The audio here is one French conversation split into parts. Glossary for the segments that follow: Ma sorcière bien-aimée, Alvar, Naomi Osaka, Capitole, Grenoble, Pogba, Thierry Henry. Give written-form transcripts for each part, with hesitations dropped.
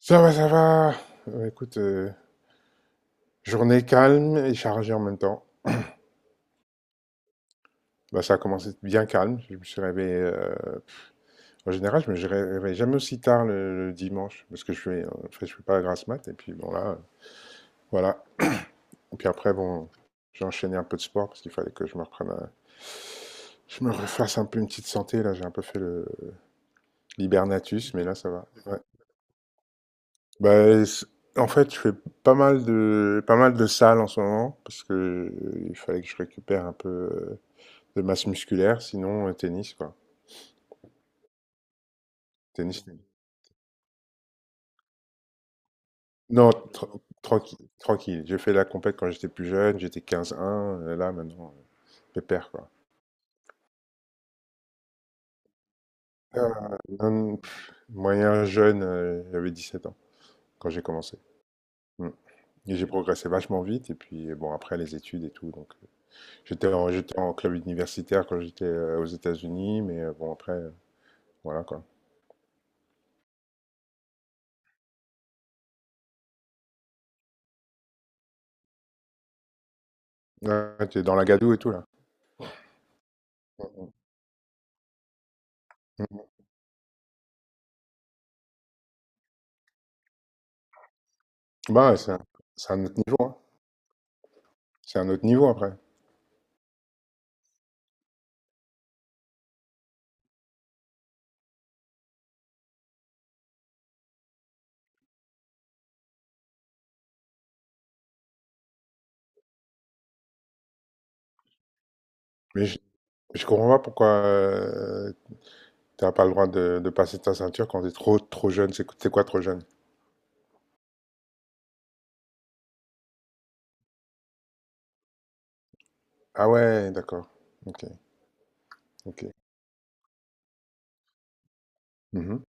Ça va, ça va. Écoute, journée calme et chargée en même temps. Bah, ça a commencé bien calme. Je me suis réveillé. En général, je me je réveille jamais aussi tard le dimanche parce que en fait, je fais pas la grasse mat. Et puis bon là, voilà. Et puis après, bon, j'ai enchaîné un peu de sport parce qu'il fallait que je me reprenne, je me refasse un peu une petite santé. Là, j'ai un peu fait le l'hibernatus, mais là, ça va. Ouais. Bah, en fait, je fais pas mal de salles en ce moment parce que il fallait que je récupère un peu de masse musculaire, sinon tennis, quoi. Tennis, tennis. Non, tranquille, tranquille. J'ai fait la compète quand j'étais plus jeune, j'étais 15/1, là maintenant, pépère, quoi. Euh, non, pff, moyen jeune, j'avais 7 ans quand j'ai commencé. Mm. Et j'ai progressé vachement vite, et puis bon, après les études et tout, donc j'étais en club universitaire quand j'étais aux États-Unis, mais bon, après, voilà, quoi. Ouais, t'es dans la gadoue et tout, là. Mm, mm, mm. Bah, ouais, c'est un autre niveau, hein. C'est un autre niveau après. Mais je comprends pas pourquoi tu t'as pas le droit de passer ta ceinture quand t'es trop trop jeune. C'est quoi trop jeune? Ah ouais, d'accord. Ok, ok. Mhm,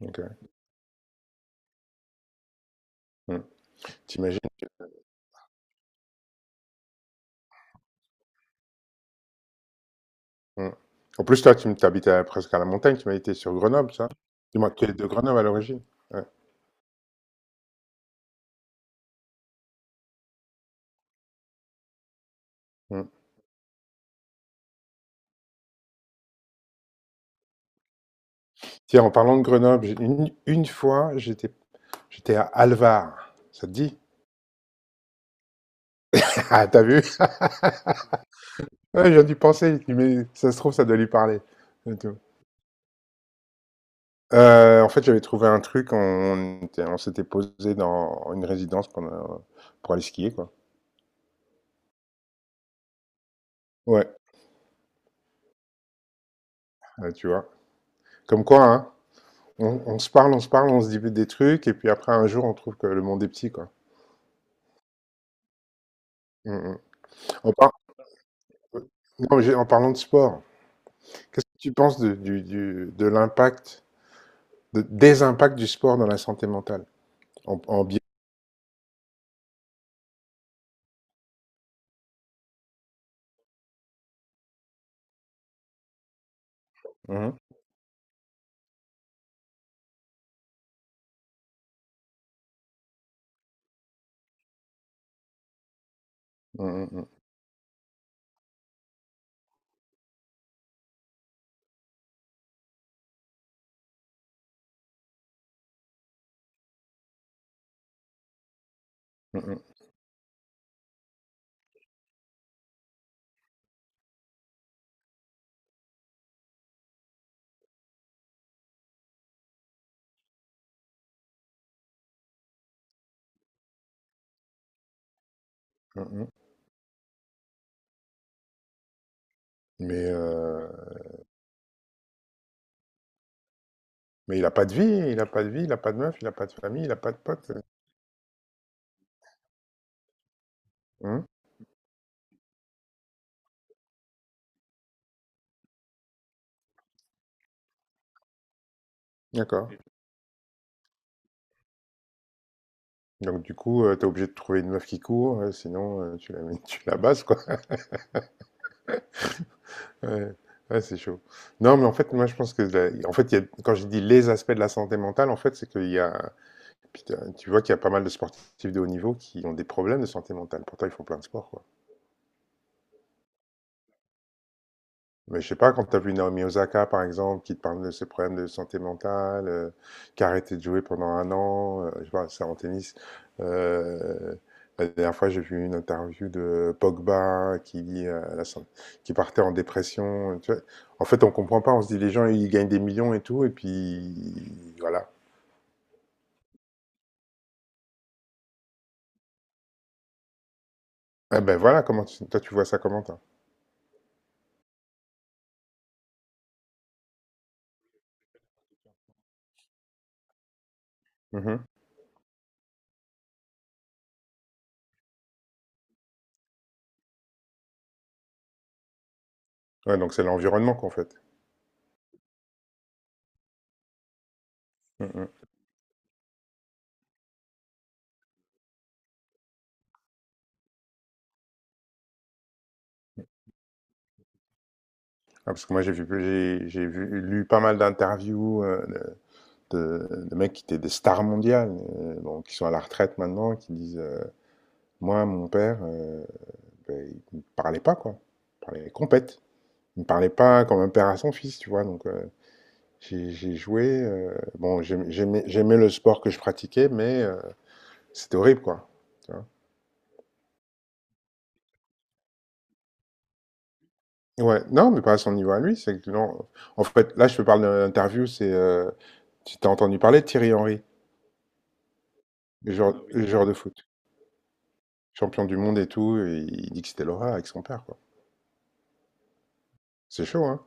ok. Mm. T'imagines? Mm. En plus, toi, tu habites presque à la montagne. Tu m'as été sur Grenoble, ça? Dis-moi, tu es de Grenoble à l'origine? Ouais. Mm. Tiens, en parlant de Grenoble, une fois, j'étais à Alvar. Ça te dit? Ah, t'as vu? Ouais, j'ai dû penser. Je dis, mais ça se trouve, ça doit lui parler. En fait, j'avais trouvé un truc, on s'était posé dans une résidence pendant pour aller skier, quoi. Ouais, bah, tu vois? Comme quoi, hein, on se parle, on se parle, on se dit des trucs et puis après un jour, on trouve que le monde est petit, quoi. Mmh mh. On par euh, non, mais j'ai en parlant de sport, qu'est-ce que tu penses de du de l'impact, de des impacts du sport dans la santé mentale? En bien. Mmh mh. Mmh mh, mmh. Mmh mh. Mmh mmh. Mais heu, mais il a pas de vie, il a pas de vie, il a pas de meuf, il a pas de famille, il a pas de potes, Mmh? D'accord. Donc du coup, t'es obligé de trouver une meuf qui court, sinon tu la tu la bases quoi. Ouais, ouais, c'est chaud. Non, mais en fait, moi je pense que en fait, quand je dis les aspects de la santé mentale, en fait, c'est qu'il y a, putain, tu vois qu'il y a pas mal de sportifs de haut niveau qui ont des problèmes de santé mentale. Pourtant, ils font plein de sports, quoi. Mais je sais pas, quand tu as vu Naomi Osaka, par exemple, qui te parle de ses problèmes de santé mentale, qui a arrêté de jouer pendant un an, je sais pas, c'est en tennis. Euh, la dernière fois, j'ai vu une interview de Pogba qui dit, qui partait en dépression. Tu vois. En fait, on comprend pas. On se dit, les gens, ils gagnent des millions et tout, et puis voilà. Eh ben voilà, toi, tu vois ça comment, toi? Mhm. Ouais, donc c'est l'environnement qu'en fait. Mhm. Ah, parce que moi, j'ai vu, lu pas mal d'interviews de mecs qui étaient des stars mondiales, bon, qui sont à la retraite maintenant, qui disent moi, mon père, ben, il ne parlait pas, quoi. Il parlait compète. Il ne parlait pas comme un père à son fils, tu vois. Donc, j'ai joué. Bon, j'aimais le sport que je pratiquais, mais c'était horrible, quoi. Tu vois. Ouais, non, mais pas à son niveau à lui. C'est que, non. En fait, là, je te parle d'une interview, c'est. Tu t'as entendu parler de Thierry Henry, le joueur, ah oui, le joueur de foot, champion du monde et tout, et il dit que c'était Laura avec son père, quoi. C'est chaud, hein?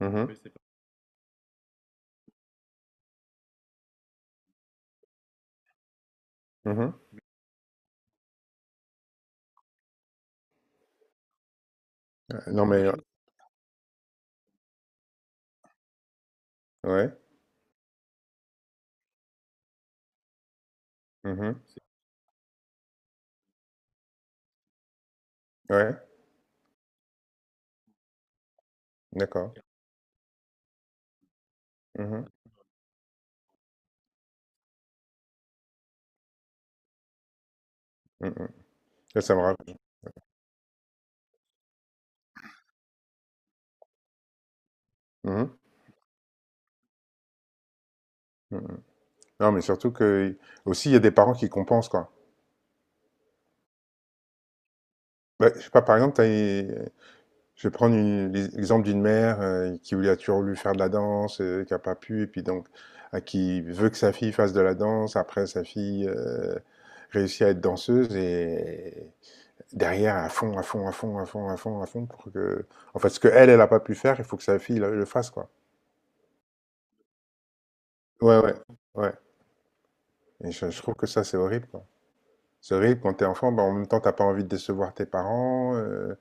Mhm, mh. Mais. Mmh. Non mais, ouais. Mhm. Ouais, d'accord. Mhm. Mhm. Mmh. Ça me rapp Mhm, mh. Mmh. Non mais surtout que aussi, il y a des parents qui compensent, quoi. Bah, je sais pas, par exemple, tu as je vais prendre une l'exemple d'une mère, qui voulait a toujours voulu faire de la danse, qui a pas pu et puis donc, qui veut que sa fille fasse de la danse. Après sa fille, réussit à être danseuse et derrière à fond, à fond, à fond, à fond, à fond, à fond pour que en fait, ce qu'elle a pas pu faire, il faut que sa fille le fasse, quoi. Ouais, ouais, ouais. Et je trouve que ça, c'est horrible, quoi. C'est horrible quand t'es enfant, bah, en même temps, t'as pas envie de décevoir tes parents.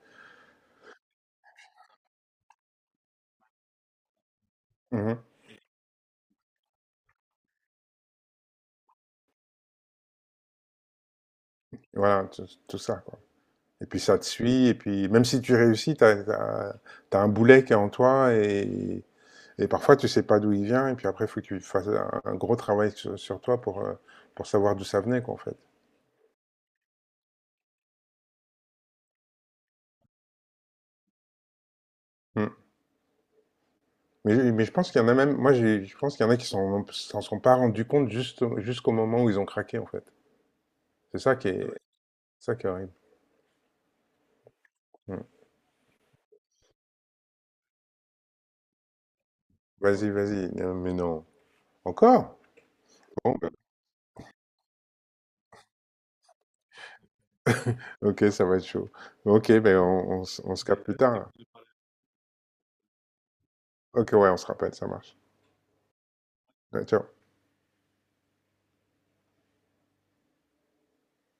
Mhm. Voilà, tout ça, quoi. Et puis ça te suit, et puis même si tu réussis, t'as un boulet qui est en toi, et parfois tu sais pas d'où il vient, et puis après, il faut que tu fasses un gros travail sur toi pour savoir d'où ça venait, quoi, en fait. Mm. Mais je pense qu'il y en a même, moi, je pense qu'il y en a qui s'en sont pas rendus compte juste, jusqu'au moment où ils ont craqué, en fait. C'est ça qui est horrible. Mmh. Vas-y, vas-y. Non, mais non. Encore? Bon, bah, ok, ça va être chaud. Ok, ben on se capte plus tard. Ok, ouais, on se rappelle, ça marche. Ouais, ciao.